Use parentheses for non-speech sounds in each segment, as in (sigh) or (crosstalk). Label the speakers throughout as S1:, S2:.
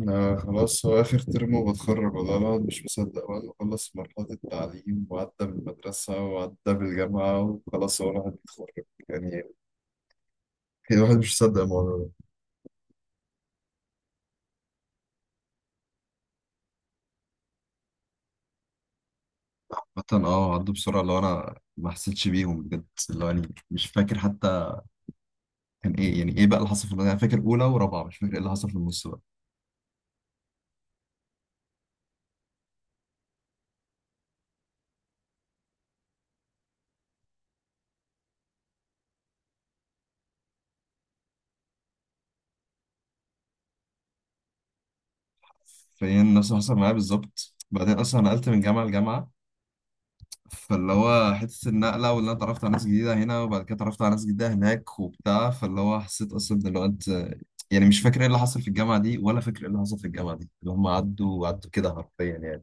S1: أنا خلاص هو آخر ترم وبتخرج، والله الواحد مش مصدق بعد ما خلص مرحلة التعليم وعدى بالمدرسة وعدى بالجامعة وخلاص هو الواحد بيتخرج يعني. الواحد مش مصدق الموضوع ده. عامة عدوا بسرعة اللي هو أنا ما حسيتش بيهم بجد، اللي هو يعني مش فاكر حتى كان إيه، يعني إيه بقى اللي حصل في الأولى. أنا فاكر أولى ورابعة، مش فاكر إيه اللي حصل في النص بقى. فهي نفس اللي حصل معايا بالظبط. بعدين أصلا أنا نقلت من جامعة لجامعة، فاللي هو حتة النقلة واللي أنا اتعرفت على ناس جديدة هنا وبعد كده اتعرفت على ناس جديدة هناك وبتاع، فاللي هو حسيت أصلا إن الوقت يعني مش فاكر إيه اللي حصل في الجامعة دي ولا فاكر إيه اللي حصل في الجامعة دي، اللي هم عدوا عدوا كده حرفيا يعني.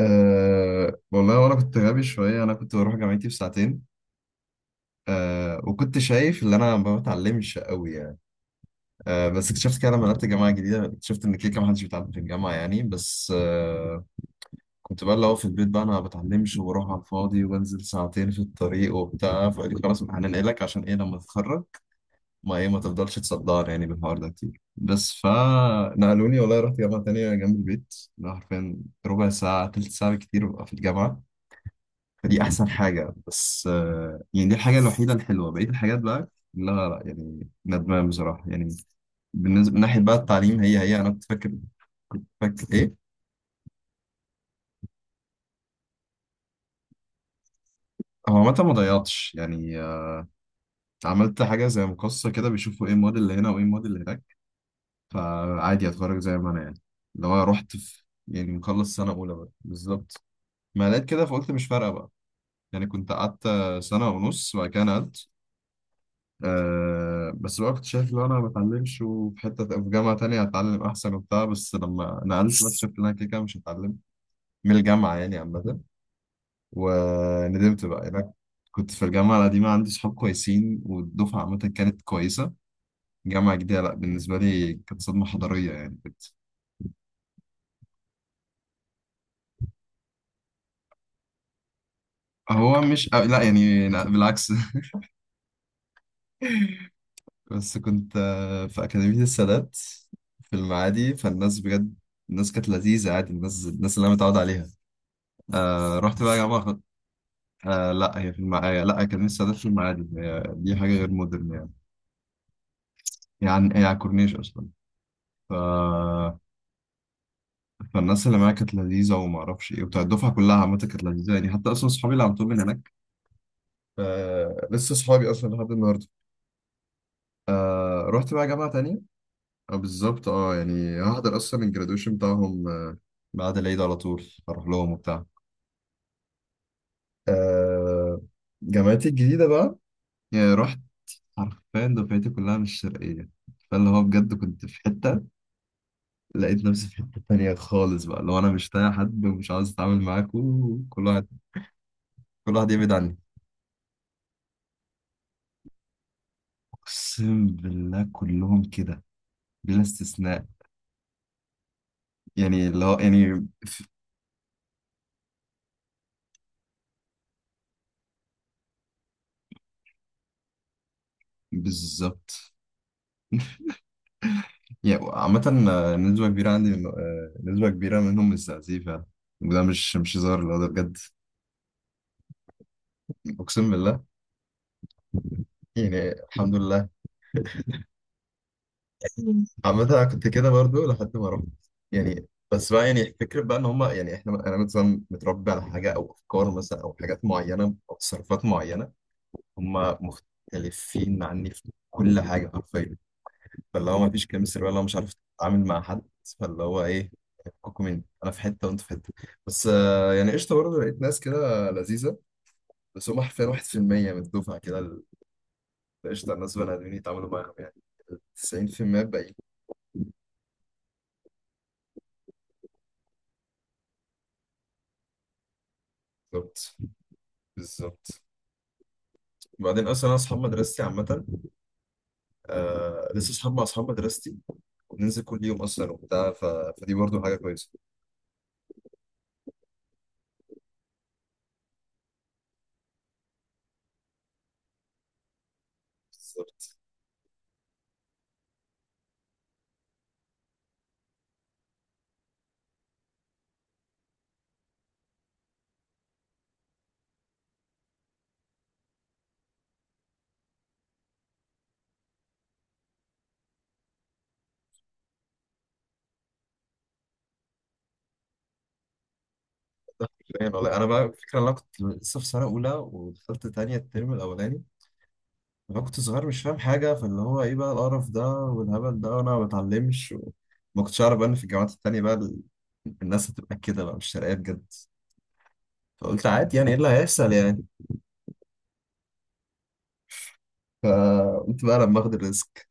S1: أه والله وأنا كنت غبي شوية، أنا كنت بروح جامعتي في ساعتين. أه وكنت شايف إن أنا ما بتعلمش قوي يعني. أه بس اكتشفت كده لما نقلت جامعة جديدة، اكتشفت إن كده كده محدش بيتعلم في الجامعة يعني. بس كنت بقى اللي هو في البيت بقى انا ما بتعلمش وبروح على الفاضي وبنزل ساعتين في الطريق وبتاع، فقال لي خلاص هننقلك عشان ايه لما تتخرج، ما ايه ما تفضلش تصدعني يعني بالحوار ده كتير. بس فنقلوني والله، رحت جامعة تانية جنب البيت أنا حرفيا ربع ساعة تلت ساعة كتير ببقى في الجامعة. فدي أحسن حاجة. بس يعني دي الحاجة الوحيدة الحلوة، بقية الحاجات بقى لا لا يعني ندمان بصراحة يعني. بالنسبة من ناحية بقى التعليم، هي أنا كنت فاكر إيه. هو عامة ما ضيعتش يعني، عملت حاجة زي مقصة كده، بيشوفوا ايه المواد اللي هنا وايه المواد اللي هناك، فعادي اتخرج زي ما انا يعني. اللي هو رحت في يعني مخلص سنة أولى بقى بالظبط، ما لقيت كده فقلت مش فارقة بقى. يعني كنت قعدت سنة ونص وبعد كده نقلت. أه بس بقى كنت شايف لو أنا ما بتعلمش وفي حتة في جامعة تانية هتعلم أحسن وبتاع، بس لما نقلت بس شفت إن أنا كده كده مش هتعلم من الجامعة يعني عامة. وندمت بقى يعني. أنا كنت في الجامعة القديمة عندي صحاب كويسين والدفعة عامة كانت كويسة. جامعة جديدة لا، بالنسبة لي كانت صدمة حضارية يعني كنت. هو مش، أو لا يعني، لا بالعكس. (laughs) بس كنت في أكاديمية السادات في المعادي. فالناس بجد الناس كانت لذيذة عادي، الناس اللي أنا متعود عليها. آه رحت بقى جامعة آه لا، هي في المعادي، لا أكاديمية السادات في المعادي، هي دي حاجة غير مودرن يعني. يعني هي على الكورنيش أصلا. ف... فالناس اللي معايا كانت لذيذة وما أعرفش إيه وبتاع، الدفعة كلها عامة كانت لذيذة يعني. حتى أصلا صحابي اللي على طول من هناك، آه لسه صحابي أصلا لحد النهاردة. آه رحت بقى جامعة تانية. آه بالظبط اه، يعني هحضر اصلا الجرادويشن بتاعهم آه، بعد العيد على طول هروح لهم وبتاع. آه جامعتي الجديدة بقى، يعني رحت حرفيا دفعتي كلها مش شرقية. فاللي هو بجد كنت في حتة، لقيت نفسي في حتة تانية خالص بقى، اللي هو انا مش طايق حد ومش عاوز اتعامل معاكوا، كل واحد كل واحد يبعد عني. اقسم بالله كلهم كده بلا استثناء، يعني اللي هو يعني بالظبط. يعني عامة نسبة كبيرة عندي نسبة كبيرة منهم مستهزئين فعلا، وده مش هزار، لا ده بجد. أقسم بالله. يعني الحمد لله. (laughs) مم. عامة أنا كنت كده برضو لحد ما رحت يعني. بس بقى يعني فكرة بقى إن هما يعني إحنا، أنا مثلا متربي على حاجة أو أفكار مثلا أو حاجات معينة أو تصرفات معينة، هما مختلفين عني في كل حاجة حرفيا. فاللي هو مفيش كيمستري ولا مش عارف اتعامل مع حد، فاللي هو ايه، فكوا مني انا في حته وانت في حته. بس يعني قشطه برضه لقيت ناس كده لذيذه، بس هم حرفيا 1% من الدفعه كده قشطه الناس بني ادمين يتعاملوا معاهم يعني، 90% الباقيين. بالظبط بالظبط. وبعدين اصلا انا اصحاب مدرستي عامه، آه لسه اصحاب مع اصحاب مدرستي وبننزل كل يوم اصلا وبتاع. فدي برضه حاجه كويسه. بالظبط، يعني والله انا بقى الفكره إن انا كنت لسه في سنه اولى ودخلت تانية الترم الاولاني، انا كنت صغير مش فاهم حاجه، فاللي هو ايه بقى القرف ده والهبل ده وانا ما بتعلمش وما كنتش اعرف بقى ان في الجامعات التانيه بقى الناس هتبقى كده بقى مش شرقيه بجد. فقلت عادي، يعني ايه اللي هيحصل يعني، فقلت بقى لما اخد الريسك.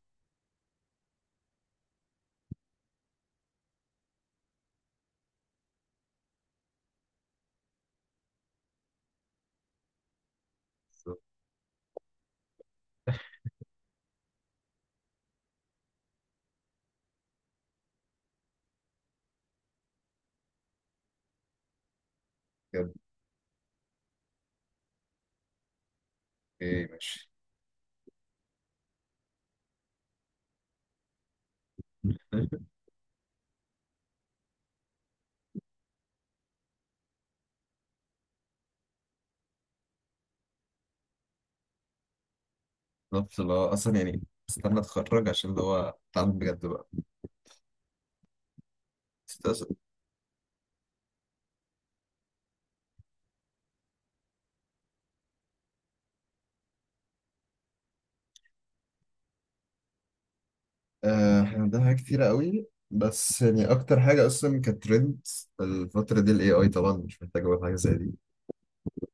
S1: بالظبط. بجد. ايه ماشي. بالظبط اللي هو اصلا يعني استنى اتخرج عشان اللي هو اتعلم بجد بقى. استاذ، آه، احنا عندنا حاجات كتيره قوي، بس يعني اكتر حاجه اصلا كانت ترند الفتره دي الاي اي، طبعا مش محتاج اقول حاجه زي دي.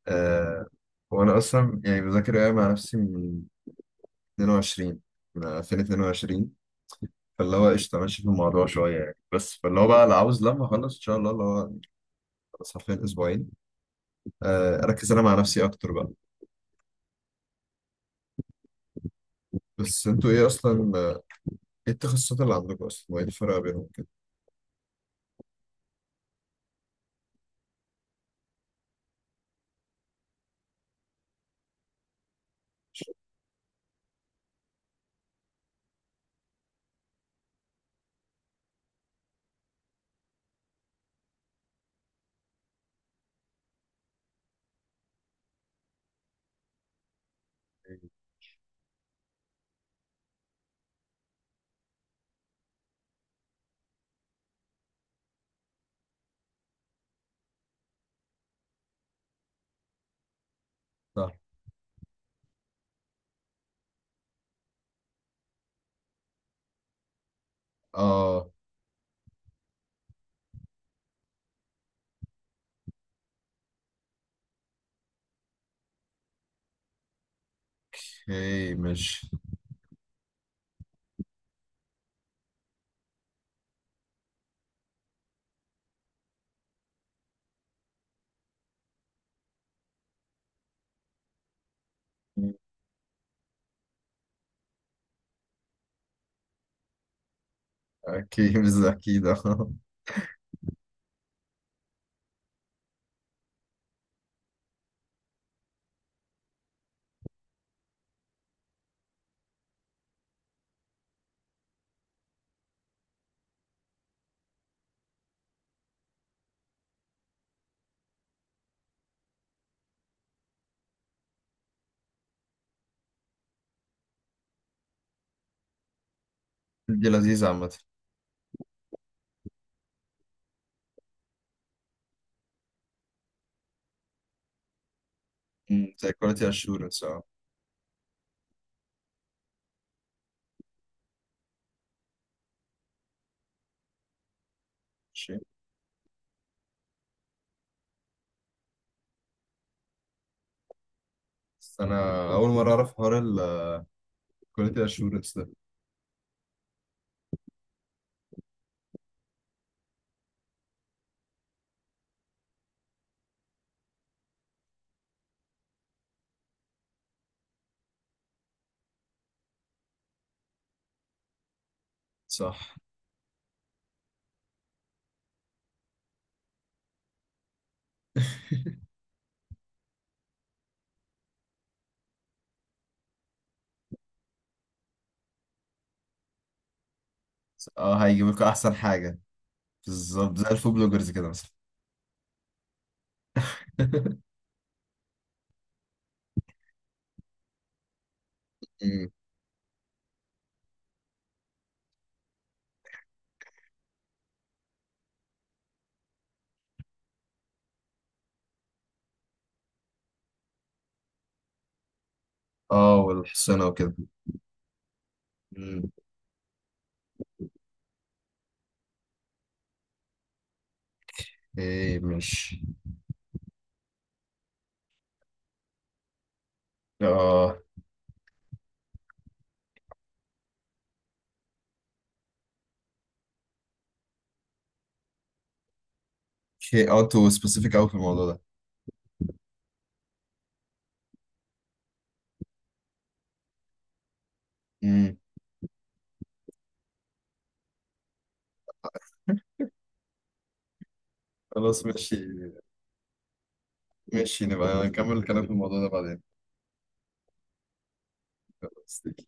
S1: آه وانا اصلا يعني بذاكر ايه مع نفسي من 22، من 2022. فاللي هو قشطه ماشي في الموضوع شويه يعني، بس فاللي هو بقى اللي عاوز لما اخلص ان شاء الله اللي هو، بس حرفيا اسبوعين آه اركز انا مع نفسي اكتر بقى. بس انتوا ايه اصلا آه، ايه التخصصات اللي عندكم اصلا وايه الفرق بينهم كده؟ صح. اه. اوكي ماشي. اوكي مش اكيد. (laughs) آه. دي لذيذه عامه. مم، زي كواليتي اشورنس اه. ماشي. بس انا اول مره اعرف حوار الكواليتي اشورنس ده. صح. اه هيجيب لكم احسن حاجه، بالظبط زي الفود بلوجرز كده مثلا. (laughs) مم. اه والحصانه وكده. مم. ايه ماشي. اه اوكي اه، تو سبيسيفيك قوي في الموضوع ده. مم. خلاص ماشي. ماشي نبقى نكمل الكلام في الموضوع ده بعدين.